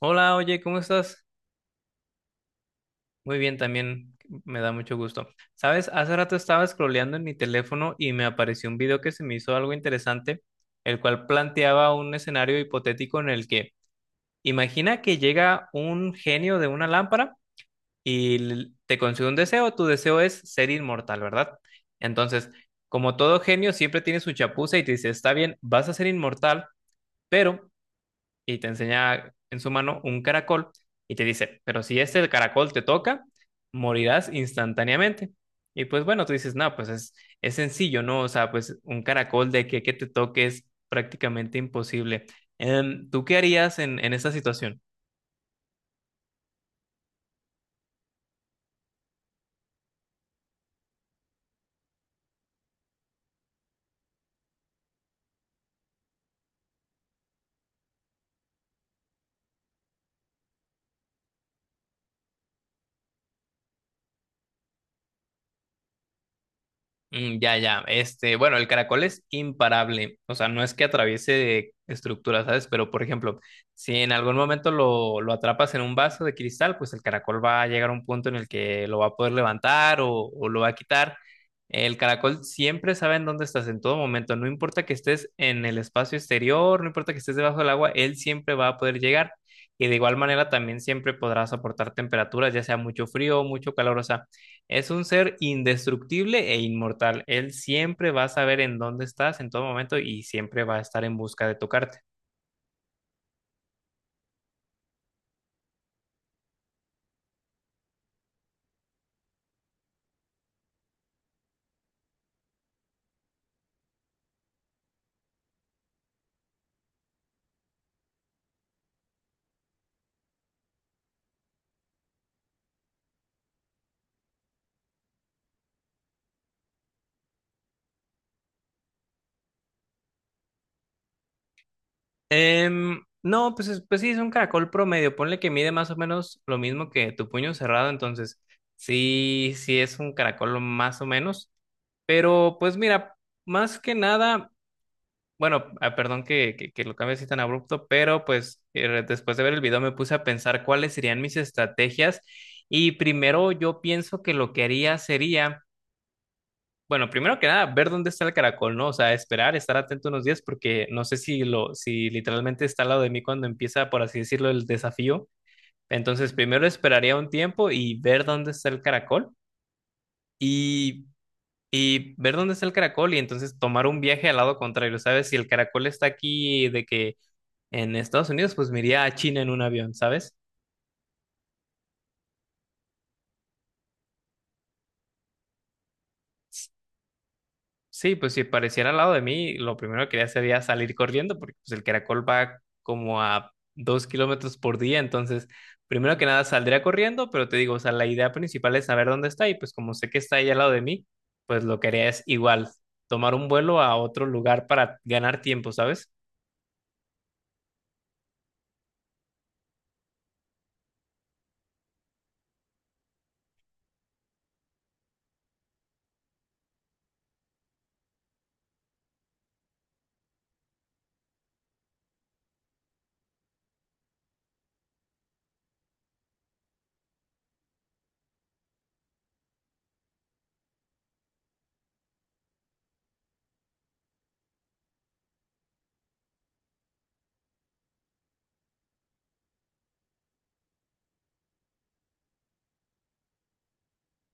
Hola, oye, ¿cómo estás? Muy bien, también me da mucho gusto. Sabes, hace rato estaba scrolleando en mi teléfono y me apareció un video que se me hizo algo interesante, el cual planteaba un escenario hipotético en el que imagina que llega un genio de una lámpara y te concede un deseo, tu deseo es ser inmortal, ¿verdad? Entonces, como todo genio, siempre tiene su chapuza y te dice, está bien, vas a ser inmortal, pero y te enseña en su mano un caracol y te dice, pero si este caracol te toca, morirás instantáneamente. Y pues bueno, tú dices, no, pues es sencillo, ¿no? O sea, pues un caracol de que te toque es prácticamente imposible. ¿Tú qué harías en esta situación? Mm, ya, ya. Bueno, el caracol es imparable. O sea, no es que atraviese estructuras, ¿sabes? Pero, por ejemplo, si en algún momento lo atrapas en un vaso de cristal, pues el caracol va a llegar a un punto en el que lo va a poder levantar o lo va a quitar. El caracol siempre sabe en dónde estás en todo momento. No importa que estés en el espacio exterior, no importa que estés debajo del agua, él siempre va a poder llegar. Y de igual manera también siempre podrá soportar temperaturas, ya sea mucho frío o mucho calor. O sea, es un ser indestructible e inmortal. Él siempre va a saber en dónde estás en todo momento y siempre va a estar en busca de tocarte. No, pues, pues sí, es un caracol promedio. Ponle que mide más o menos lo mismo que tu puño cerrado. Entonces, sí, sí es un caracol más o menos. Pero pues mira, más que nada. Bueno, ah, perdón que lo cambie así tan abrupto, pero pues después de ver el video me puse a pensar cuáles serían mis estrategias y primero yo pienso que lo que haría sería, bueno, primero que nada, ver dónde está el caracol, ¿no? O sea, esperar, estar atento unos días porque no sé si literalmente está al lado de mí cuando empieza, por así decirlo, el desafío. Entonces, primero esperaría un tiempo y ver dónde está el caracol y y ver dónde está el caracol y entonces tomar un viaje al lado contrario, ¿sabes? Si el caracol está aquí de que en Estados Unidos, pues me iría a China en un avión, ¿sabes? Sí, pues si apareciera al lado de mí, lo primero que haría sería salir corriendo, porque pues, el caracol va como a 2 kilómetros por día, entonces primero que nada saldría corriendo, pero te digo, o sea, la idea principal es saber dónde está y pues como sé que está ahí al lado de mí, pues lo que haría es igual, tomar un vuelo a otro lugar para ganar tiempo, ¿sabes?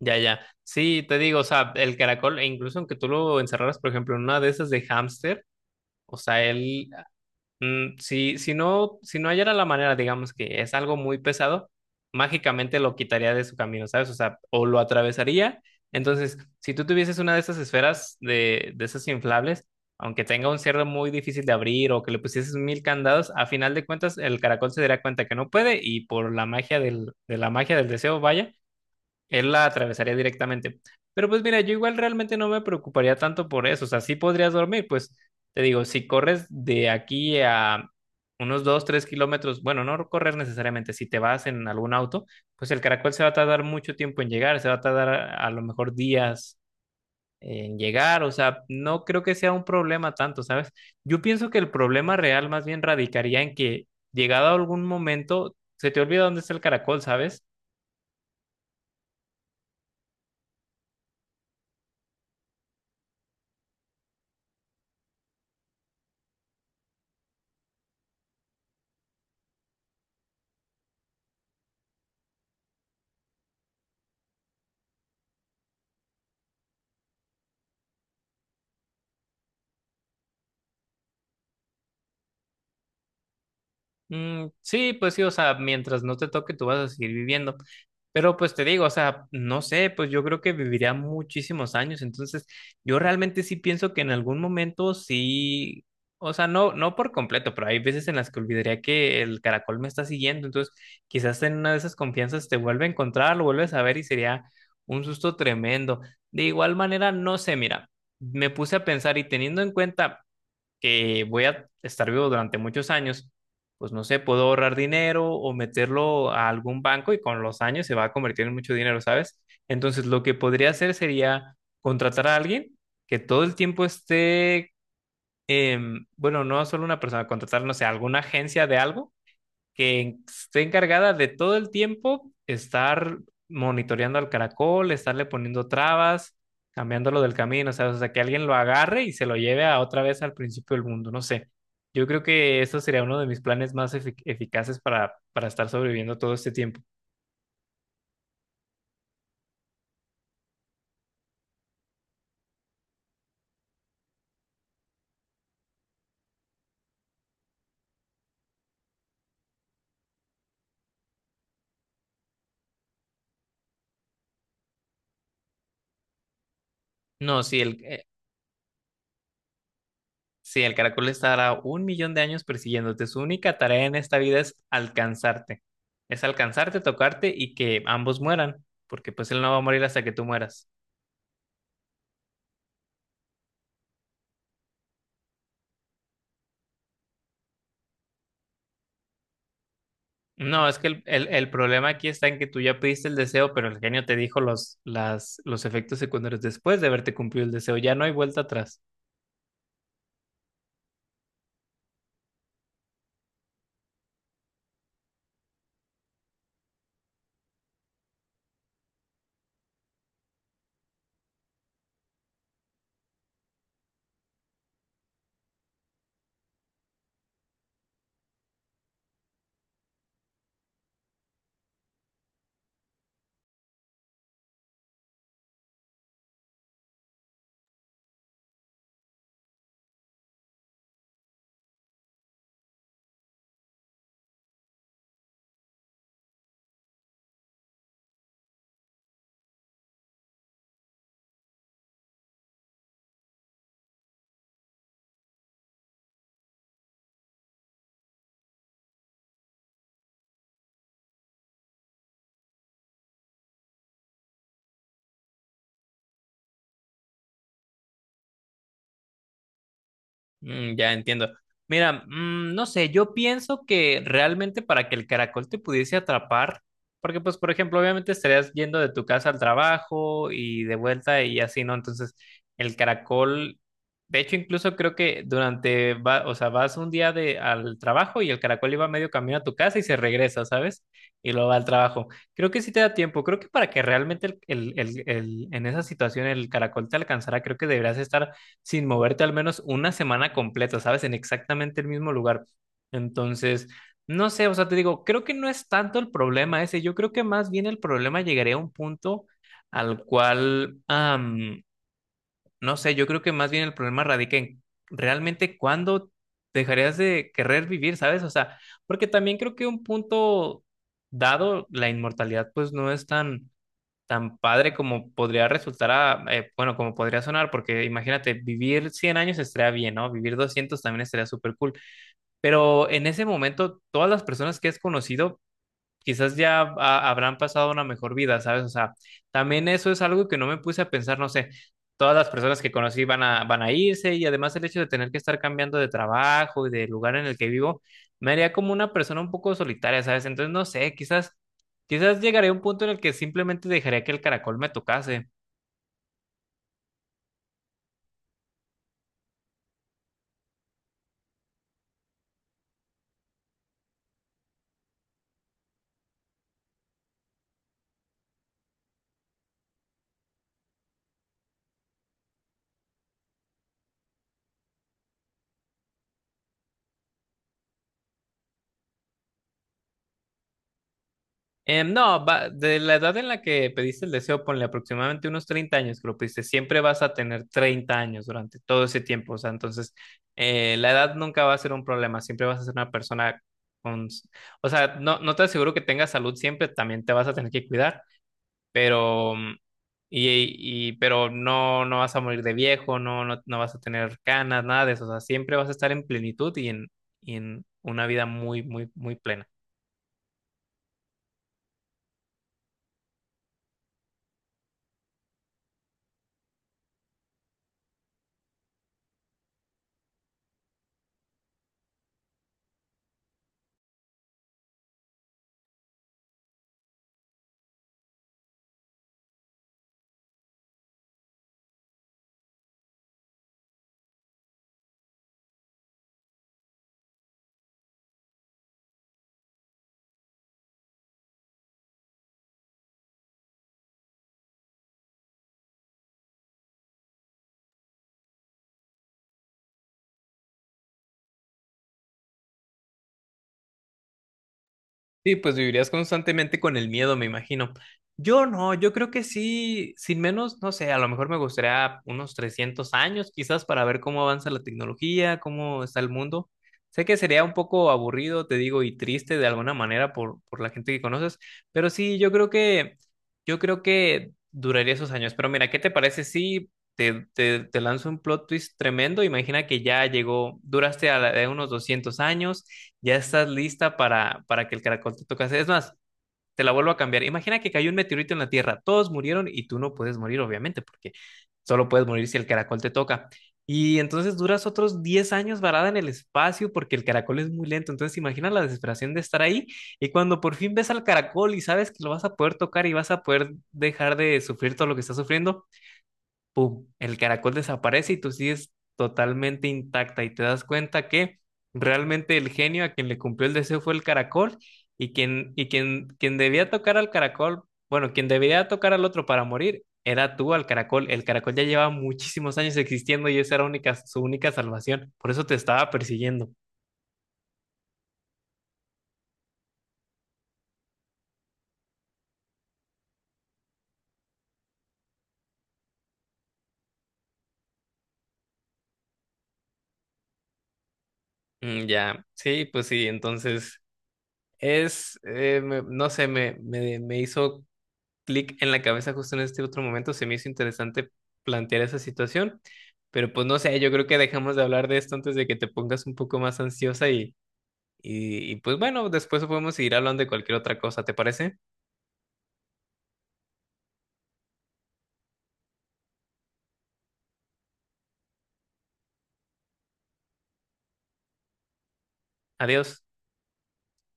Ya, ya. Sí, te digo, o sea, el caracol, e incluso aunque tú lo encerraras, por ejemplo, en una de esas de hámster, o sea, él. Mm, si no hallara la manera, digamos que es algo muy pesado, mágicamente lo quitaría de su camino, ¿sabes? O sea, o lo atravesaría. Entonces, si tú tuvieses una de esas esferas de esas inflables, aunque tenga un cierre muy difícil de abrir o que le pusieses mil candados, a final de cuentas el caracol se daría cuenta que no puede y por la magia de la magia del deseo, vaya, él la atravesaría directamente. Pero pues mira, yo igual realmente no me preocuparía tanto por eso. O sea, sí podrías dormir, pues te digo, si corres de aquí a unos 2 3 kilómetros, bueno, no correr necesariamente, si te vas en algún auto, pues el caracol se va a tardar mucho tiempo en llegar, se va a tardar a lo mejor días en llegar, o sea, no creo que sea un problema tanto, ¿sabes? Yo pienso que el problema real más bien radicaría en que llegado a algún momento se te olvida dónde está el caracol, ¿sabes? Mm, sí, pues sí, o sea, mientras no te toque, tú vas a seguir viviendo. Pero pues te digo, o sea, no sé, pues yo creo que viviría muchísimos años. Entonces, yo realmente sí pienso que en algún momento sí, o sea, no, no por completo, pero hay veces en las que olvidaría que el caracol me está siguiendo. Entonces, quizás en una de esas confianzas te vuelve a encontrar, lo vuelves a ver y sería un susto tremendo. De igual manera, no sé, mira, me puse a pensar y teniendo en cuenta que voy a estar vivo durante muchos años, pues no sé, puedo ahorrar dinero o meterlo a algún banco y con los años se va a convertir en mucho dinero, ¿sabes? Entonces, lo que podría hacer sería contratar a alguien que todo el tiempo esté, bueno, no solo una persona, contratar, no sé, alguna agencia de algo que esté encargada de todo el tiempo estar monitoreando al caracol, estarle poniendo trabas, cambiándolo del camino, o sea, que alguien lo agarre y se lo lleve a otra vez al principio del mundo, no sé. Yo creo que eso sería uno de mis planes más eficaces para estar sobreviviendo todo este tiempo. No, si el caracol estará un millón de años persiguiéndote, su única tarea en esta vida es alcanzarte. Es alcanzarte, tocarte y que ambos mueran, porque pues él no va a morir hasta que tú mueras. No, es que el problema aquí está en que tú ya pediste el deseo, pero el genio te dijo los efectos secundarios después de haberte cumplido el deseo. Ya no hay vuelta atrás. Mm, ya entiendo. Mira, no sé, yo pienso que realmente para que el caracol te pudiese atrapar, porque pues, por ejemplo, obviamente estarías yendo de tu casa al trabajo y de vuelta y así, ¿no? Entonces, el caracol, de hecho, incluso creo que durante, o sea, vas un día al trabajo y el caracol iba medio camino a tu casa y se regresa, ¿sabes? Y luego va al trabajo. Creo que sí te da tiempo, creo que para que realmente en esa situación el caracol te alcanzara, creo que deberías estar sin moverte al menos una semana completa, ¿sabes? En exactamente el mismo lugar. Entonces, no sé, o sea, te digo, creo que no es tanto el problema ese, yo creo que más bien el problema llegaría a un punto al cual, no sé, yo creo que más bien el problema radica en realmente cuándo dejarías de querer vivir, ¿sabes? O sea, porque también creo que un punto dado, la inmortalidad pues no es tan padre como podría resultar, bueno, como podría sonar, porque imagínate, vivir 100 años estaría bien, ¿no? Vivir 200 también estaría súper cool, pero en ese momento todas las personas que has conocido quizás ya habrán pasado una mejor vida, ¿sabes? O sea, también eso es algo que no me puse a pensar, no sé, todas las personas que conocí van a irse y además el hecho de tener que estar cambiando de trabajo y de lugar en el que vivo, me haría como una persona un poco solitaria, ¿sabes? Entonces, no sé, quizás llegaré a un punto en el que simplemente dejaría que el caracol me tocase. No, de la edad en la que pediste el deseo, ponle aproximadamente unos 30 años que lo pediste, siempre vas a tener 30 años durante todo ese tiempo, o sea, entonces la edad nunca va a ser un problema, siempre vas a ser una persona con, o sea, no, no te aseguro que tengas salud siempre, también te vas a tener que cuidar, pero, mm, pero no, no vas a morir de viejo, no, no, no vas a tener canas, nada de eso, o sea, siempre vas a estar en plenitud y y en una vida muy, muy, muy plena. Sí, pues vivirías constantemente con el miedo, me imagino. Yo no, yo creo que sí, sin menos, no sé, a lo mejor me gustaría unos 300 años quizás para ver cómo avanza la tecnología, cómo está el mundo. Sé que sería un poco aburrido, te digo, y triste de alguna manera por la gente que conoces, pero sí, yo creo que, duraría esos años. Pero mira, ¿qué te parece si te lanzo un plot twist tremendo? Imagina que ya llegó, duraste de unos 200 años. Ya estás lista para que el caracol te tocase. Es más, te la vuelvo a cambiar. Imagina que cayó un meteorito en la Tierra. Todos murieron y tú no puedes morir, obviamente, porque solo puedes morir si el caracol te toca. Y entonces duras otros 10 años varada en el espacio porque el caracol es muy lento. Entonces imagina la desesperación de estar ahí y cuando por fin ves al caracol y sabes que lo vas a poder tocar y vas a poder dejar de sufrir todo lo que estás sufriendo, pum, el caracol desaparece y tú sigues totalmente intacta y te das cuenta que realmente el genio a quien le cumplió el deseo fue el caracol y quien debía tocar al caracol, bueno, quien debía tocar al otro para morir era tú al caracol. El caracol ya lleva muchísimos años existiendo y esa era su única salvación. Por eso te estaba persiguiendo. Mm, ya, sí, pues sí, entonces no sé, me hizo clic en la cabeza justo en este otro momento, se me hizo interesante plantear esa situación, pero pues no sé, yo creo que dejamos de hablar de esto antes de que te pongas un poco más ansiosa y pues bueno, después podemos seguir hablando de cualquier otra cosa, ¿te parece? Adiós.